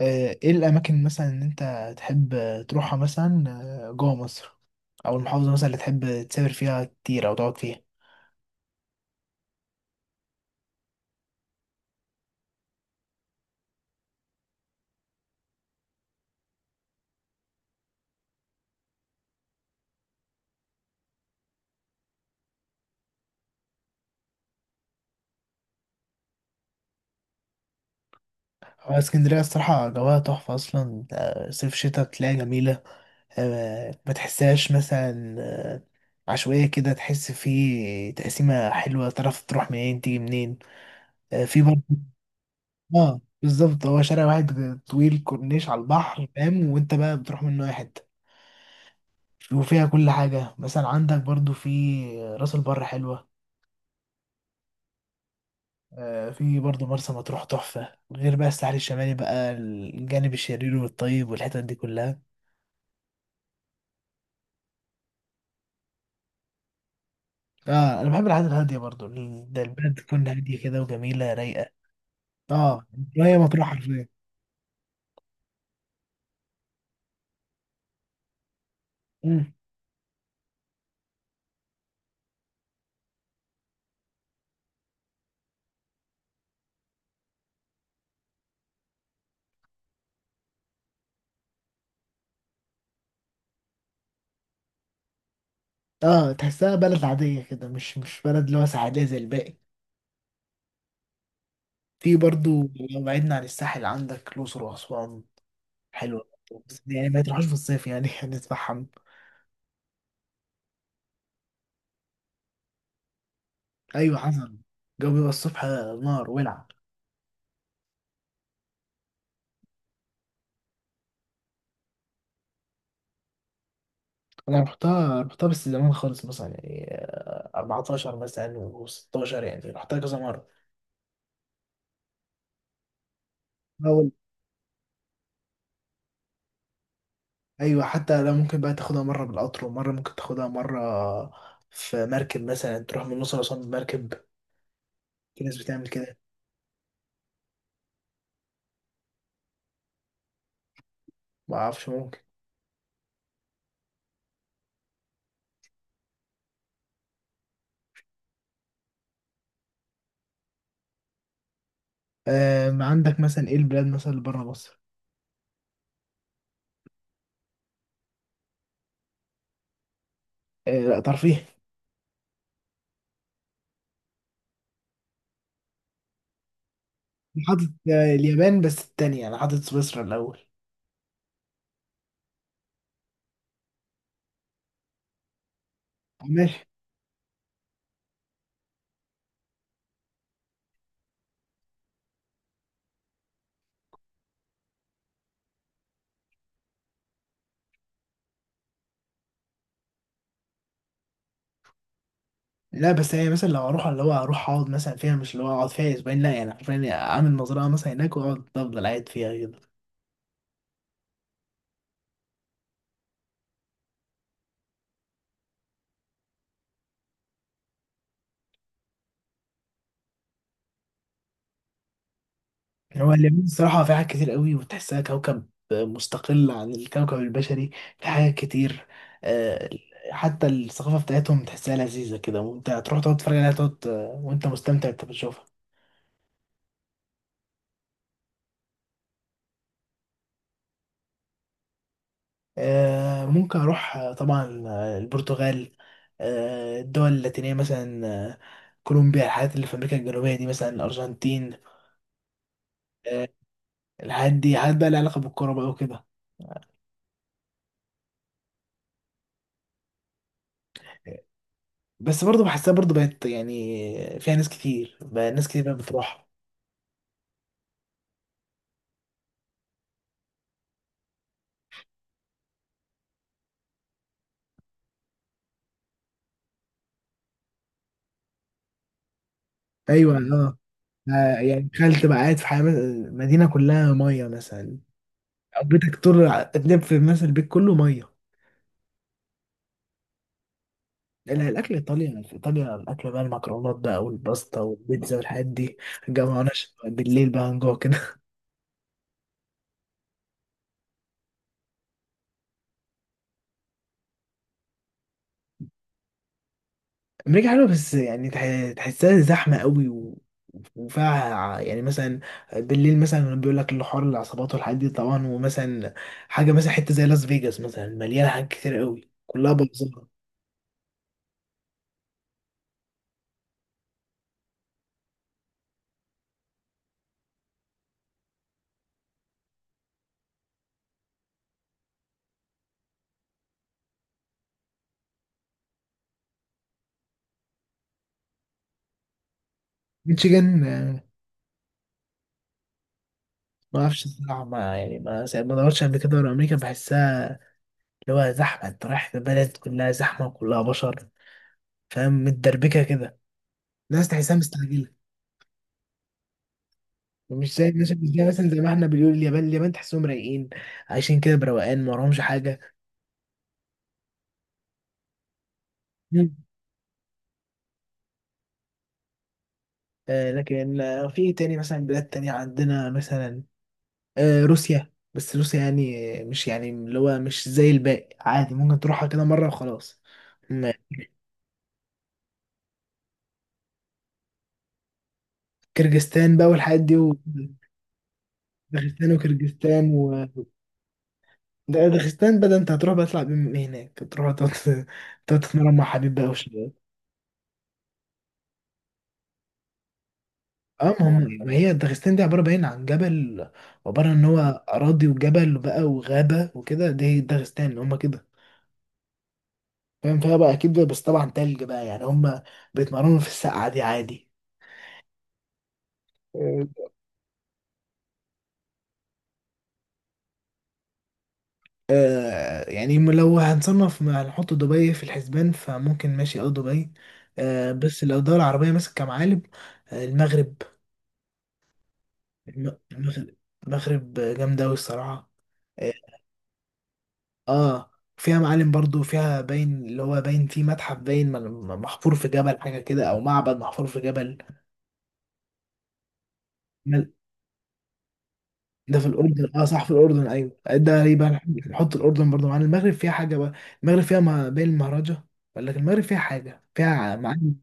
ايه الاماكن مثلا ان انت تحب تروحها مثلا، جوه مصر او المحافظه مثلا اللي تحب تسافر فيها كتير او تقعد فيها؟ هو اسكندريه الصراحه جواها تحفه اصلا، صيف شتاء تلاقيها جميله. ما تحسهاش مثلا عشوائيه كده، تحس فيه تقسيمه حلوه، تعرف تروح منين تيجي منين. في برضه. اه بالظبط، هو شارع واحد طويل كورنيش على البحر، فاهم؟ وانت بقى بتروح منه اي حته. وفيها كل حاجه، مثلا عندك برضو في راس البر حلوه. في برضه مرسى مطروح تحفة، غير بقى الساحل الشمالي بقى الجانب الشرير والطيب والحتت دي كلها. اه انا بحب الحاجات الهادية برضه. ده البلد تكون هادية كده وجميلة رايقة. اه، وهي مطروح حرفيا. مم. اه تحسها بلد عادية كده، مش بلد اللي هو ساحلية زي الباقي. في برضه، لو بعدنا عن الساحل عندك الأقصر وأسوان. حلوة برضه. بس يعني ما تروحش في الصيف يعني هنتفحم. ايوه حصل. الجو بيبقى الصبح نار ولع. انا رحتها بس زمان خالص، مثلا يعني 14 مثلا و16، يعني رحتها كذا مره. أول. ايوه، حتى لو ممكن بقى تاخدها مره بالقطر، ومره ممكن تاخدها مره في مركب مثلا، تروح من الأقصر أسوان بمركب. في ناس بتعمل كده. ما اعرفش، ممكن. عندك مثلا ايه البلاد مثلا اللي بره مصر؟ لا ترفيه. أنا حاطط اليابان، بس التانية انا حاطط سويسرا الاول. ماشي. لا بس يعني مثلا لو اروح، اللي هو اروح اقعد مثلا فيها، مش اللي هو اقعد فيها اسبوعين، لا يعني حرفيا، يعني اعمل مزرعه مثلا هناك واقعد افضل قاعد فيها كده. هو اليمين الصراحه، في حاجات كتير قوي، وتحسها كوكب مستقل عن الكوكب البشري. في حاجات كتير. آه، حتى الثقافه بتاعتهم تحسها لذيذه كده، وانت تروح تقعد تتفرج عليها، تقعد وانت مستمتع انت بتشوفها. ممكن اروح، طبعا، البرتغال. الدول اللاتينيه مثلا، كولومبيا، الحاجات اللي في امريكا الجنوبيه دي، مثلا الارجنتين. آه، الحاجات دي حاجات بقى لها علاقه بالكوره بقى وكده. بس برضه بحسها برضه بقت، يعني فيها ناس كتير بقى ناس كتير بقى بتروح. ايوه اه. يعني تخيل تبقى قاعد في مدينه كلها ميه مثلا. او بيتك طول تنام في مثلا البيت كله ميه. لا الاكل ايطاليا، في ايطاليا الاكل بقى المكرونات بقى والباستا والبيتزا والحاجات دي. الجو هنا بالليل بقى هنجوع كده. أمريكا حلوة، بس يعني تحسها زحمة قوي، و... وفيها يعني مثلا بالليل مثلا بيقول لك الحوار العصابات والحاجات دي طبعا، ومثلا حاجة مثلا حتة زي لاس فيجاس مثلا مليانة حاجات كتير قوي كلها بلطجة. ميتشيجان. ما اعرفش الصراحة، ما يعني ما ما دورتش قبل كده ورا أمريكا، بحسها اللي هو زحمة، أنت رايح بلد كلها زحمة وكلها بشر، فاهم؟ متدربكة كده، الناس تحسها مستعجلة. مش زي الناس اللي مثلا زي ما احنا بنقول اليابان. اليابان تحسهم رايقين، عايشين كده بروقان، ما وراهمش حاجة. لكن في إيه تاني مثلا؟ بلاد تانية عندنا، مثلا روسيا. بس روسيا يعني مش يعني اللي هو مش زي الباقي، عادي ممكن تروحها كده مرة وخلاص. م- كرجستان بقى والحاجات دي داغستان وكرجستان و داغستان بقى، ده انت هتروح بقى تطلع بيهم هناك، تروح تقعد تتمرن مع حبيب بقى وشباب. اه ما هي داغستان دي عبارة باين عن جبل، عبارة ان هو اراضي وجبل بقى وغابة وكده. دي داغستان هم كده. فاهم فيها بقى اكيد، بس طبعا تلج بقى يعني هم بيتمرنوا في السقعه دي عادي. آه، يعني لو هنصنف، ما هنحط دبي في الحسبان، فممكن ماشي اه دبي. بس لو الدولة العربية مثلا كمعالم، المغرب. المغرب. المغرب جامدة أوي الصراحة. اه. آه، فيها معالم برضو، فيها باين اللي هو باين فيه متحف باين محفور في جبل حاجة كده، أو معبد محفور في جبل. ده في الاردن، اه صح في الاردن، ايوه. ده يبقى نحط الاردن برضه معانا. المغرب فيها حاجه بقى. المغرب فيها ما بين المهرجة، ولا لكن المغرب فيها حاجه فيها معاني.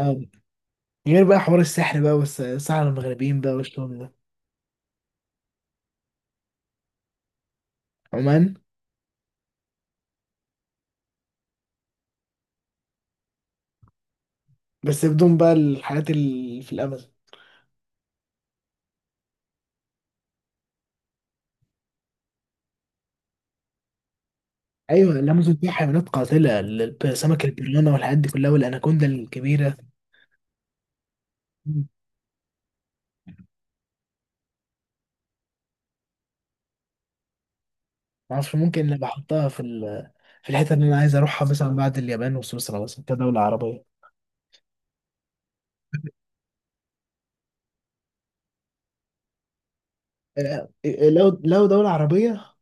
آه. غير بقى حوار السحر بقى والسحر المغربيين بقى والشغل ده. عمان. بس بدون بقى الحاجات اللي في الامازون. ايوه، الامازون فيها حيوانات قاتله، سمك البيرانا والحاجات دي كلها، والاناكوندا الكبيره. مم. معرفش، ممكن انا بحطها في ال... في الحته اللي انا عايز اروحها مثلا بعد اليابان وسويسرا، مثلا كدوله عربيه. لو دولة عربية.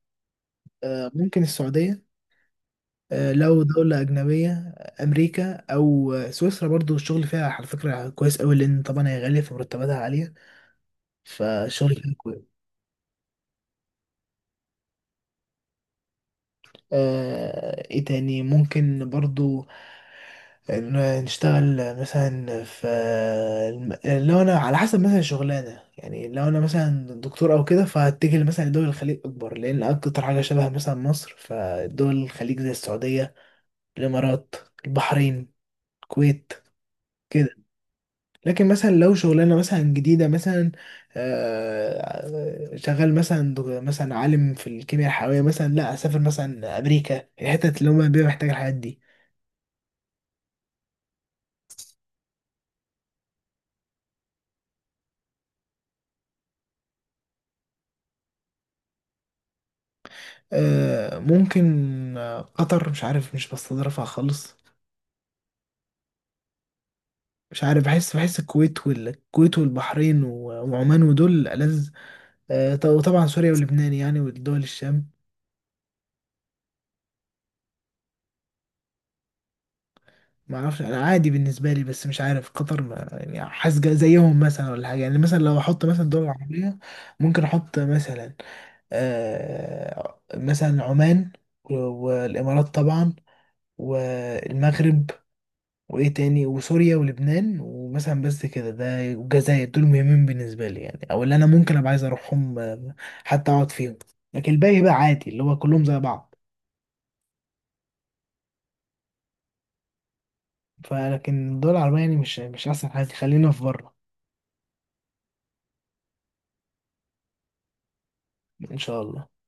ممكن السعودية. لو دولة أجنبية، أمريكا أو سويسرا. برضو الشغل فيها على فكرة كويس أوي، لأن طبعا هي غالية فمرتباتها عالية، فالشغل فيها كويس. إيه تاني ممكن برضو؟ نشتغل مثلا في الم- لو أنا على حسب مثلا الشغلانة، يعني لو أنا مثلا دكتور أو كده، فهتجه مثلا لدول الخليج أكبر، لأن أكتر حاجة شبه مثلا مصر فدول الخليج زي السعودية، الإمارات، البحرين، الكويت كده. لكن مثلا لو شغلانه مثلا جديده، مثلا شغال مثلا مثلا عالم في الكيمياء الحيويه مثلا، لا اسافر مثلا امريكا، الحتت اللي هم بيبقى محتاج الحاجات دي. ممكن. قطر مش عارف، مش بستظرفها خالص. مش عارف، بحس الكويت والبحرين وعمان ودول ألذ. وطبعا سوريا ولبنان، يعني ودول الشام. ما اعرفش، انا عادي بالنسبه لي، بس مش عارف قطر يعني حاسس زيهم مثلا ولا حاجه. يعني مثلا لو احط مثلا دول عربيه، ممكن احط مثلا مثلا عمان والامارات طبعا، والمغرب، وايه تاني، وسوريا ولبنان، ومثلا بس كده، ده والجزائر. دول مهمين بالنسبه لي يعني، او اللي انا ممكن ابقى عايز اروحهم، حتى اقعد فيهم. لكن الباقي بقى عادي اللي هو كلهم زي بعض. فلكن الدول العربيه يعني مش احسن حاجه، خلينا في بره. ان شاء الله.